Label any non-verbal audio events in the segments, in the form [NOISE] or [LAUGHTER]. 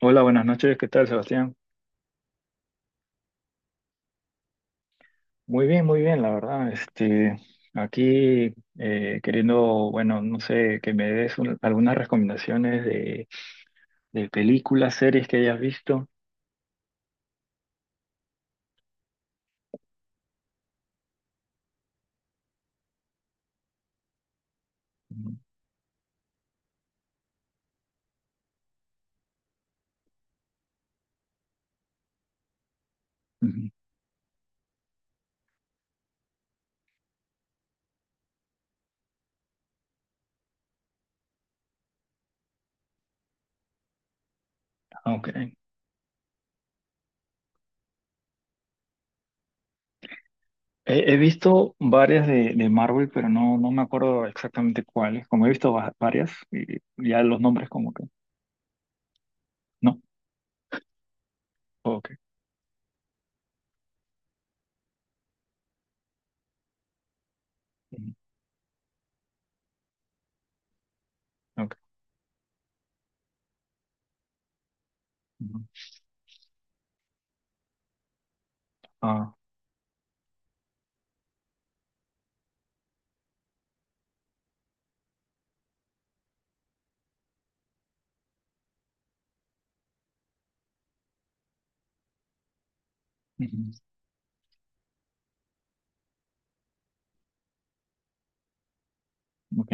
Hola, buenas noches, ¿qué tal, Sebastián? Muy bien, la verdad. Aquí queriendo, bueno, no sé, que me des algunas recomendaciones de películas, series que hayas visto. Ujú. Ujú. Ok. He visto varias de Marvel, pero no, no me acuerdo exactamente cuáles. Como he visto varias, y ya los nombres como que, no. Ok. Ujú. Ok. Ujú. Ah, ujú. Ok.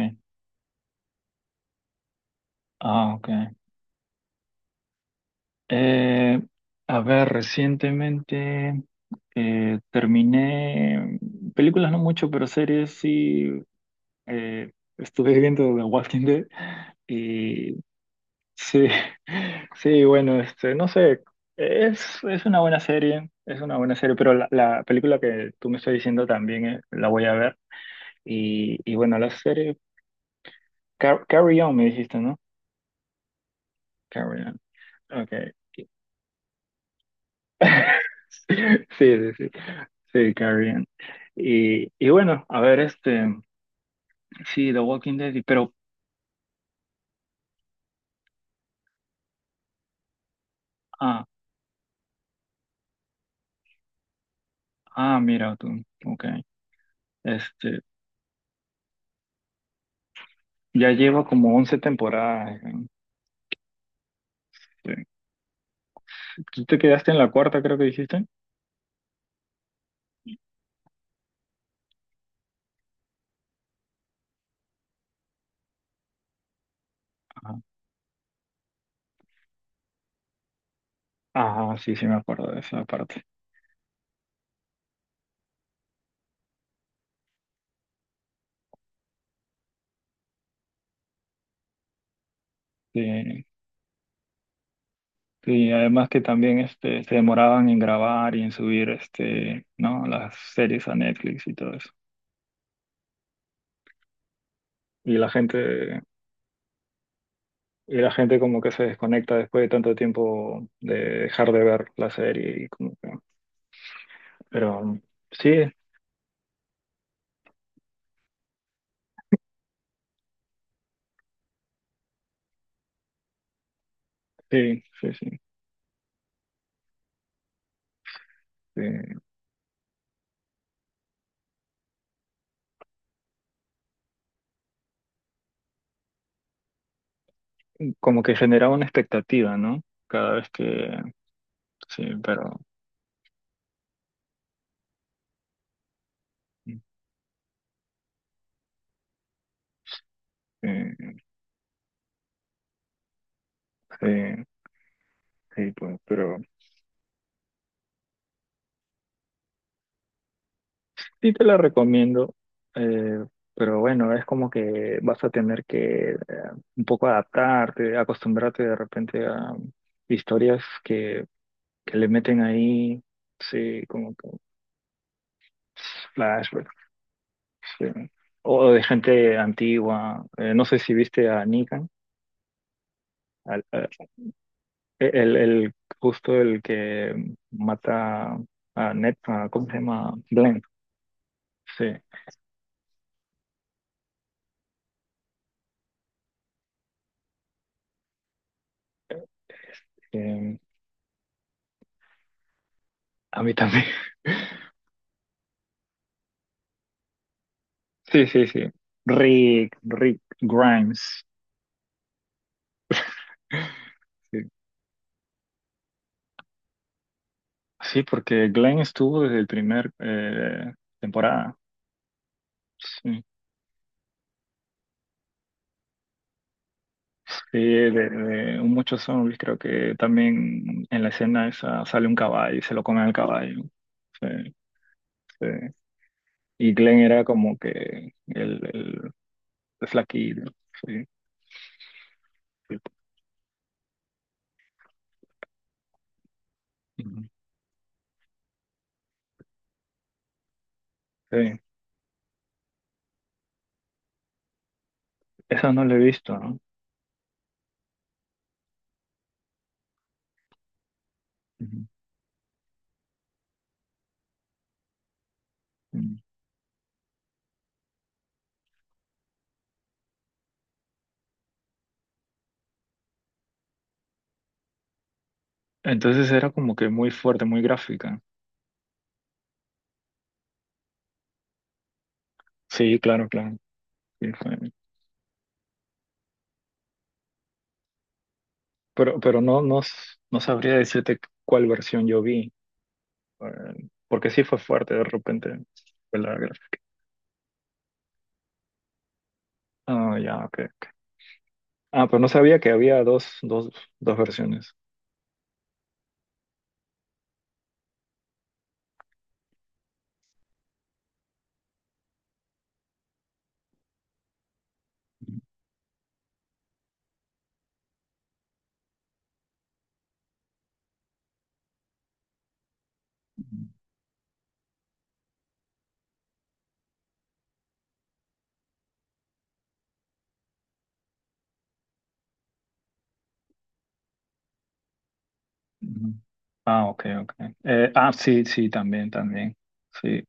Ah, ok. Eh, a ver, recientemente terminé películas no mucho, pero series sí. eh, Estuve viendo The Walking Dead y sí, [LAUGHS] sí, bueno, no sé, es una buena serie, es una buena serie, pero la película que tú me estás diciendo también la voy a ver y bueno, la serie Carry On me dijiste, ¿no? Carry On, ok. [LAUGHS] Sí, sí, sí. Sí, Carrie Ann. Y bueno, a ver, sí, The Walking Dead, pero, ah, ah, mira tú, ok, este, ya lleva como 11 temporadas. ¿No? Sí. ¿Tú te quedaste en la cuarta, creo que dijiste? Ajá. Ajá, sí, sí, me acuerdo de esa parte. Sí, sí, además que también, se demoraban en grabar y en subir, ¿no? Las series a Netflix y todo eso. Y la gente, y la gente como que se desconecta después de tanto tiempo de dejar de ver la serie y como que pero sí, sí, sí, sí, sí. Como que generaba una expectativa, ¿no? Cada vez que... Sí, pero... Sí, sí, sí, pues, pero sí te la recomiendo. eh, pero bueno, es como que vas a tener que un poco adaptarte, acostumbrarte de repente a historias que le meten ahí, sí, como que flashbacks, sí. O de gente antigua. No sé si viste a Negan. El justo el que mata a Ned, a- ¿cómo se llama? Glenn. Sí. Eh, a mí también. [LAUGHS] Sí, sí, sí. Rick, Rick Grimes. Sí, sí, porque Glenn estuvo desde el primer temporada. Sí, sí, de muchos zombies creo que también en la escena esa sale un caballo y se lo come al caballo. Sí, sí. Y Glenn era como que el flaquillo. Sí. Ujú, sí, eso no lo he visto, ¿no? Ujú. Mm. Entonces era como que muy fuerte, muy gráfica. Sí, claro, claro. sí, fue- pero no, no, no sabría decirte cuál versión yo vi, porque sí fue fuerte de repente fue la gráfica. Ah, ya, ok, ok. Ah, pero no sabía que había dos, dos, dos versiones. Ujú. Ah, ok, ok. Ah, sí, sí, también, también. Sí.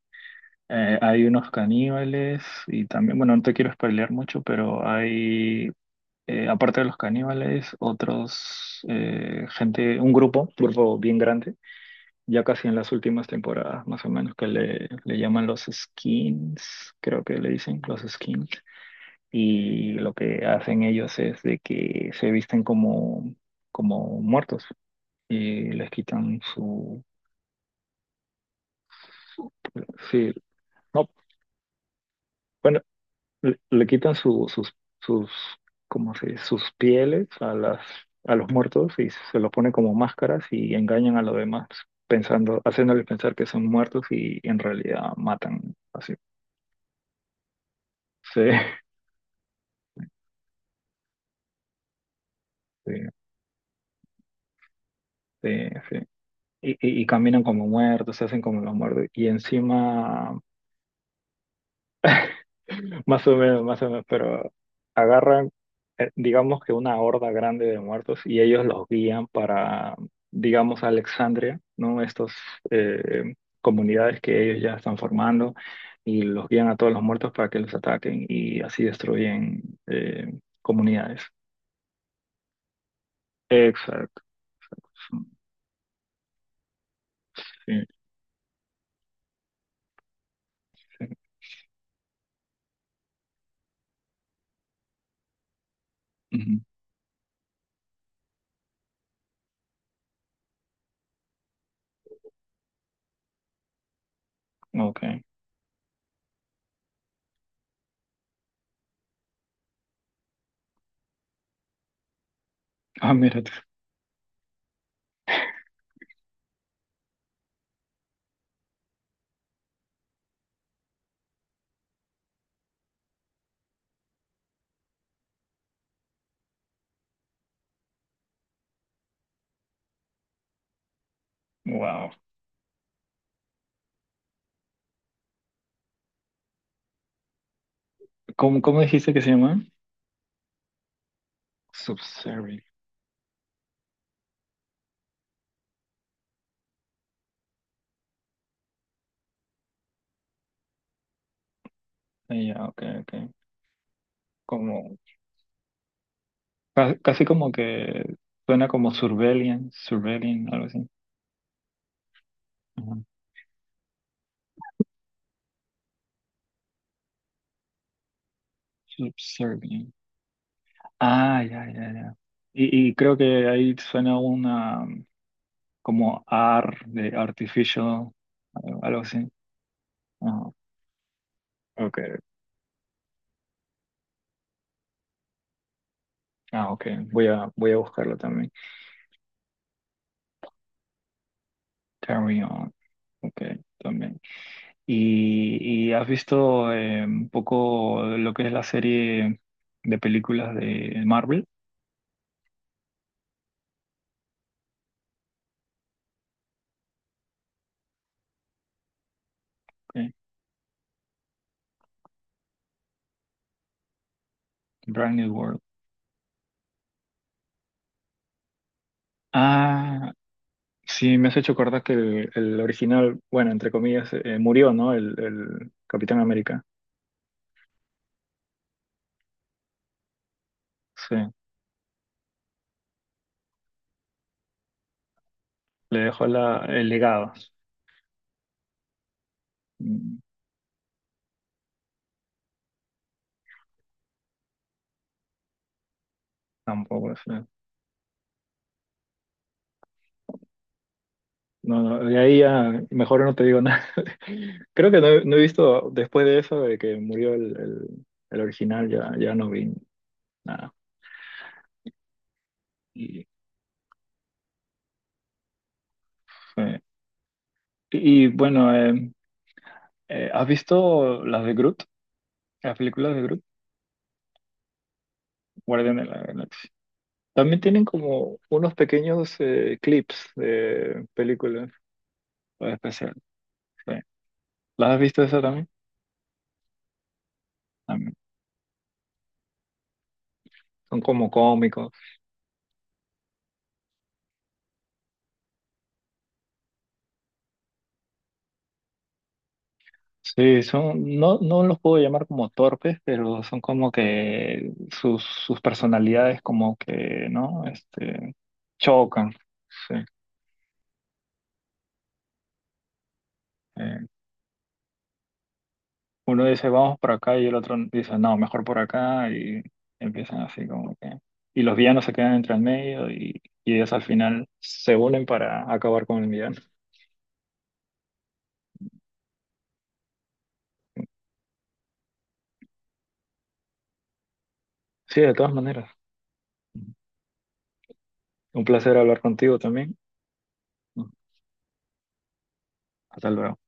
Hay unos caníbales y también, bueno, no te quiero spoilear mucho, pero hay, aparte de los caníbales, otros, gente, un grupo bien grande, ya casi en las últimas temporadas, más o menos, que le llaman los skins, creo que le dicen los skins, y lo que hacen ellos es de que se visten como, como muertos y les quitan su, sí, no. Bueno, le quitan sus, sus, ¿cómo se dice? Sus pieles a las, a los muertos y se los ponen como máscaras y engañan a los demás, pensando, haciéndoles pensar que son muertos y en realidad matan así. Sí, [LAUGHS] sí, sí, sí. Y, y caminan como muertos, se hacen como los muertos. Y encima más o menos, más o menos, pero agarran, digamos que una horda grande de muertos y ellos los guían para, digamos, Alexandria, ¿no? Estas comunidades que ellos ya están formando y los guían a todos los muertos para que los ataquen y así destruyen comunidades. Exacto. Sí, sí. Ujú. Ok. Ah, mira tú. Wow. ¿Cómo, cómo dijiste que se llama? Subservient. Ah, ya, ok, ok. Como casi como que suena como surveillant, surveillant, algo así. Ajá. Subservient. Ah, ya, ya, ya. Y creo que ahí suena una como AR de artificial, algo algo así. Ah, ok. Ah, ok. Voy a, voy a buscarlo también. Carry on. Ok, también. Y has visto un poco lo que es la serie de películas de Marvel? Ok, Brand New World. Ah, sí, me has hecho acordar que el original, bueno, entre comillas, murió, ¿no? El Capitán América. Sí, le dejó la, el legado. Mm, tampoco, sí. No, no, de ahí ya mejor no te digo nada. [LAUGHS] Creo que no, he no he visto, después de eso, de que murió el original, ya, ya no vi nada. Y, sí. Y, bueno, ¿has visto las de Groot? Las películas de Groot, Guardián de la Galaxia. También tienen como unos pequeños clips de películas para especial. Sí. ¿Las has visto esa también? También. Son como cómicos. Sí, son, no, no los puedo llamar como torpes, pero son como que sus, sus personalidades como que, ¿no? Chocan. Sí. Eh, uno dice, vamos por acá, y el otro dice, no, mejor por acá, y empiezan así como que... Y los villanos se quedan entre el medio y ellos al final se unen para acabar con el villano. Sí, de todas maneras. Un placer hablar contigo también. Hasta luego.